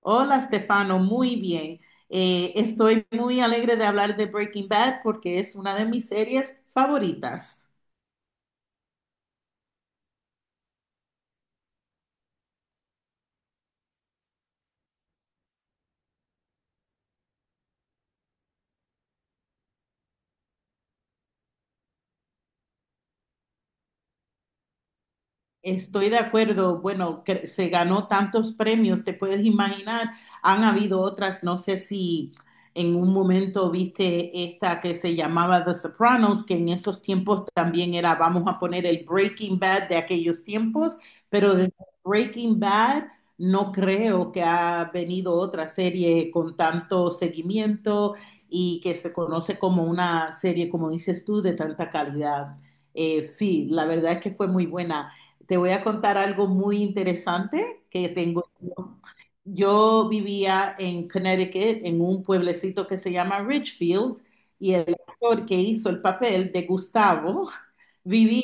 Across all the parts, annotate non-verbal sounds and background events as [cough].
Hola, Stefano, muy bien. Estoy muy alegre de hablar de Breaking Bad porque es una de mis series favoritas. Estoy de acuerdo. Bueno, que se ganó tantos premios, te puedes imaginar. Han habido otras, no sé si en un momento viste esta que se llamaba The Sopranos, que en esos tiempos también era, vamos a poner el Breaking Bad de aquellos tiempos, pero desde Breaking Bad no creo que ha venido otra serie con tanto seguimiento y que se conoce como una serie, como dices tú, de tanta calidad. Sí, la verdad es que fue muy buena. Te voy a contar algo muy interesante que tengo. Yo vivía en Connecticut, en un pueblecito que se llama Richfield, y el actor que hizo el papel de Gustavo [laughs] vivía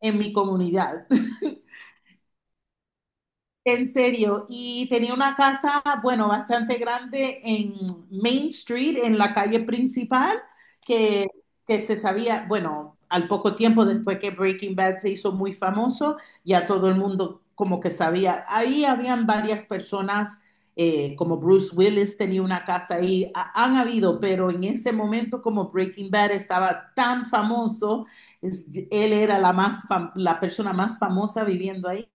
en mi comunidad. En serio, y tenía una casa, bueno, bastante grande en Main Street, en la calle principal, que, que se sabía, bueno, al poco tiempo después que Breaking Bad se hizo muy famoso, ya todo el mundo como que sabía. Ahí habían varias personas, como Bruce Willis tenía una casa ahí. Han habido, pero en ese momento como Breaking Bad estaba tan famoso, él era la, la persona más famosa viviendo ahí.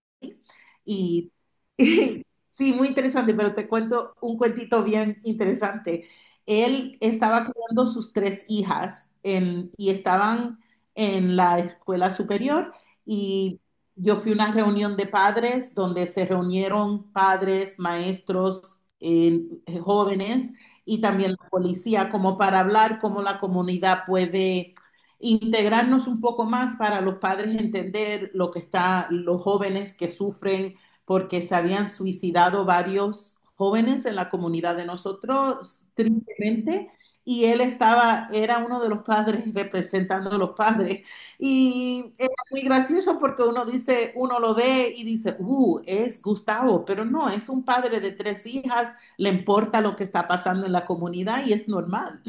Y [laughs] sí, muy interesante, pero te cuento un cuentito bien interesante. Él estaba criando sus tres hijas y estaban en la escuela superior y yo fui a una reunión de padres donde se reunieron padres, maestros, jóvenes y también la policía como para hablar cómo la comunidad puede integrarnos un poco más para los padres entender lo que está, los jóvenes que sufren porque se habían suicidado varios jóvenes en la comunidad de nosotros, tristemente, y él estaba, era uno de los padres [laughs] representando a los padres. Y era muy gracioso porque uno dice, uno lo ve y dice, es Gustavo, pero no, es un padre de tres hijas, le importa lo que está pasando en la comunidad y es normal.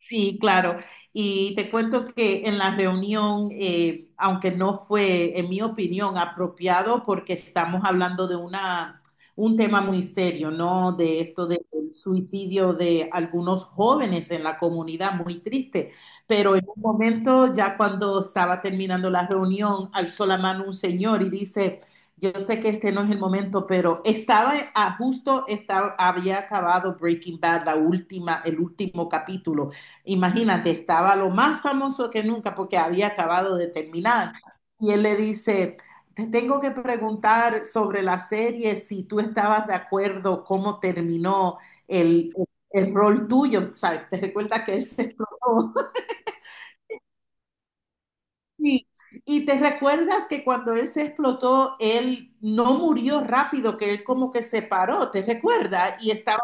Sí, claro. Y te cuento que en la reunión, aunque no fue, en mi opinión, apropiado, porque estamos hablando de una, un tema muy serio, ¿no? De esto del suicidio de algunos jóvenes en la comunidad, muy triste. Pero en un momento, ya cuando estaba terminando la reunión, alzó la mano un señor y dice, yo sé que este no es el momento, pero justo, estaba, había acabado Breaking Bad, la última, el último capítulo. Imagínate, estaba lo más famoso que nunca porque había acabado de terminar. Y él le dice, te tengo que preguntar sobre la serie, si tú estabas de acuerdo cómo terminó el, el rol tuyo, ¿sabes? ¿Te recuerdas que él se explotó? [laughs] Sí. Y te recuerdas que cuando él se explotó, él no murió rápido, que él como que se paró, ¿te recuerdas? Y estaba.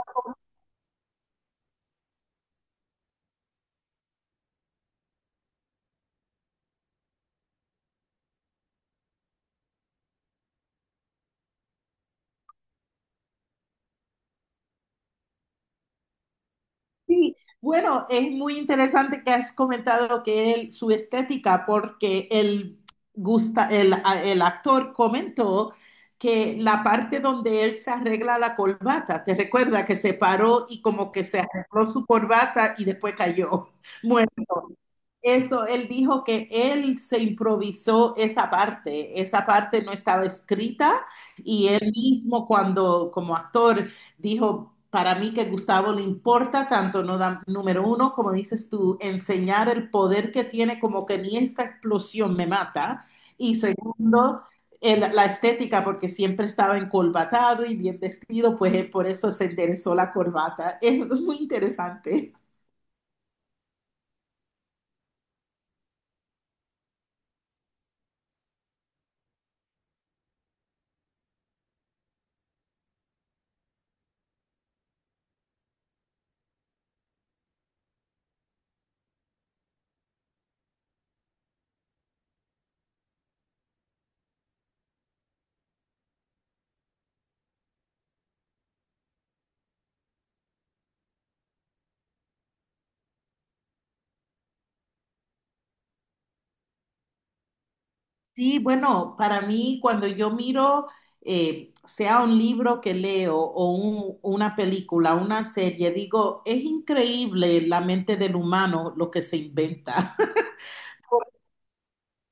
Sí, bueno, es muy interesante que has comentado que él, su estética, porque el, gusta, el actor comentó que la parte donde él se arregla la corbata, te recuerda que se paró y como que se arregló su corbata y después cayó. [laughs] Bueno, eso, él dijo que él se improvisó esa parte no estaba escrita y él mismo cuando como actor dijo, para mí que Gustavo le importa tanto, no da- número uno, como dices tú, enseñar el poder que tiene, como que ni esta explosión me mata. Y segundo, la estética, porque siempre estaba encolbatado y bien vestido, pues por eso se interesó la corbata. [laughs] Es muy interesante. Sí, bueno, para mí cuando yo miro, sea un libro que leo o una película, una serie, digo, es increíble la mente del humano lo que se inventa.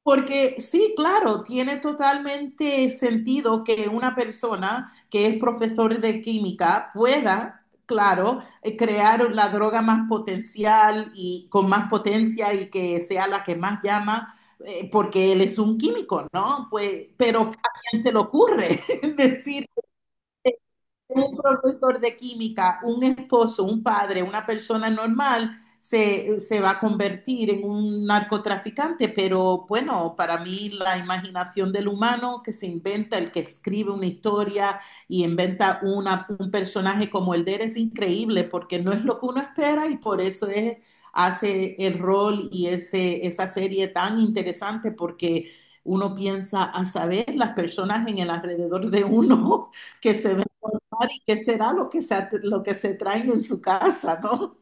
Porque sí, claro, tiene totalmente sentido que una persona que es profesor de química pueda, claro, crear la droga más potencial y con más potencia y que sea la que más llama, porque él es un químico, ¿no? Pues, pero ¿a quién se le ocurre [laughs] decir un profesor de química, un esposo, un padre, una persona normal, se va a convertir en un narcotraficante, pero bueno, para mí la imaginación del humano que se inventa, el que escribe una historia y inventa un personaje como el de él es increíble porque no es lo que uno espera y por eso es, hace el rol y ese, esa serie tan interesante porque uno piensa a saber las personas en el alrededor de uno [laughs] que se ven y qué será lo que se traen en su casa, ¿no?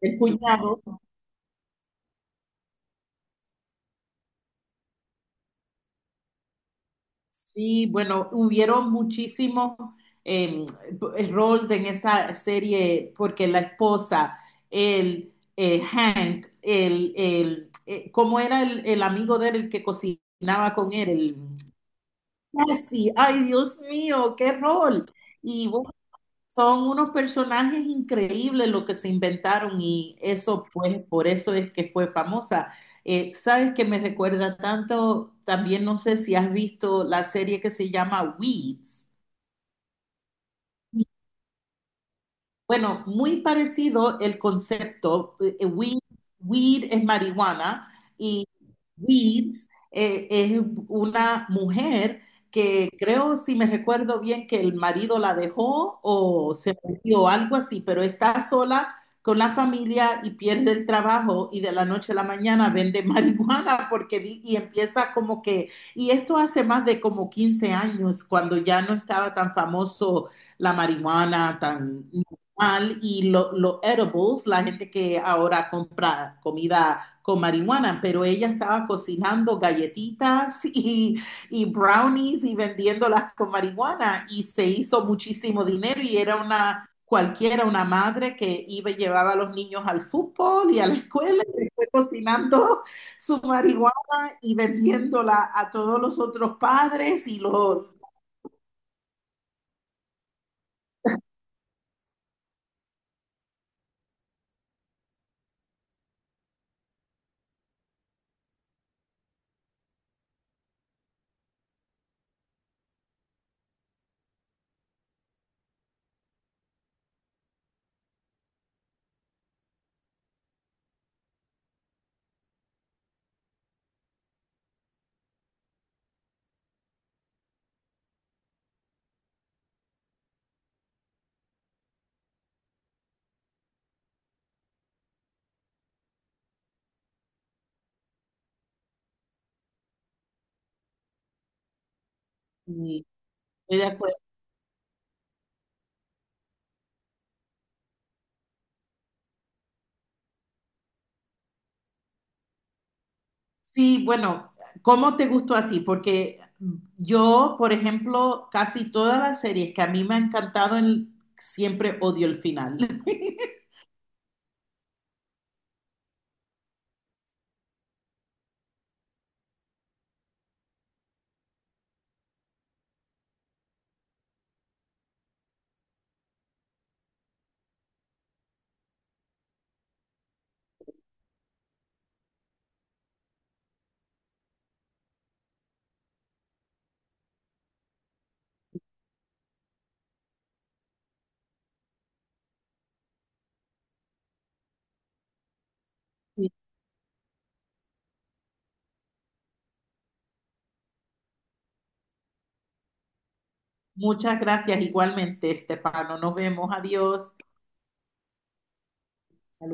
El cuñado. Sí, bueno, hubieron muchísimos eh, roles en esa serie porque la esposa, el Hank, el ¿cómo era el amigo de él el que cocinaba con él? El Jesse, ay Dios mío, qué rol. Y bueno, son unos personajes increíbles lo que se inventaron y eso, pues, por eso es que fue famosa. ¿Sabes que me recuerda tanto? También no sé si has visto la serie que se llama Weeds. Bueno, muy parecido el concepto. Weed, weed es marihuana y Weeds es una mujer que creo, si me recuerdo bien, que el marido la dejó o se murió o algo así, pero está sola con la familia y pierde el trabajo y de la noche a la mañana vende [laughs] marihuana porque y empieza como que, y esto hace más de como 15 años, cuando ya no estaba tan famoso la marihuana, tan mal y los lo edibles, la gente que ahora compra comida con marihuana, pero ella estaba cocinando galletitas y brownies y vendiéndolas con marihuana y se hizo muchísimo dinero y era una cualquiera, una madre que iba y llevaba a los niños al fútbol y a la escuela y después cocinando su marihuana y vendiéndola a todos los otros padres y los... y- estoy de acuerdo. Sí, bueno, ¿cómo te gustó a ti? Porque yo, por ejemplo, casi todas las series que a mí me han encantado, siempre odio el final. [laughs] Muchas gracias igualmente, Estefano. Nos vemos. Adiós.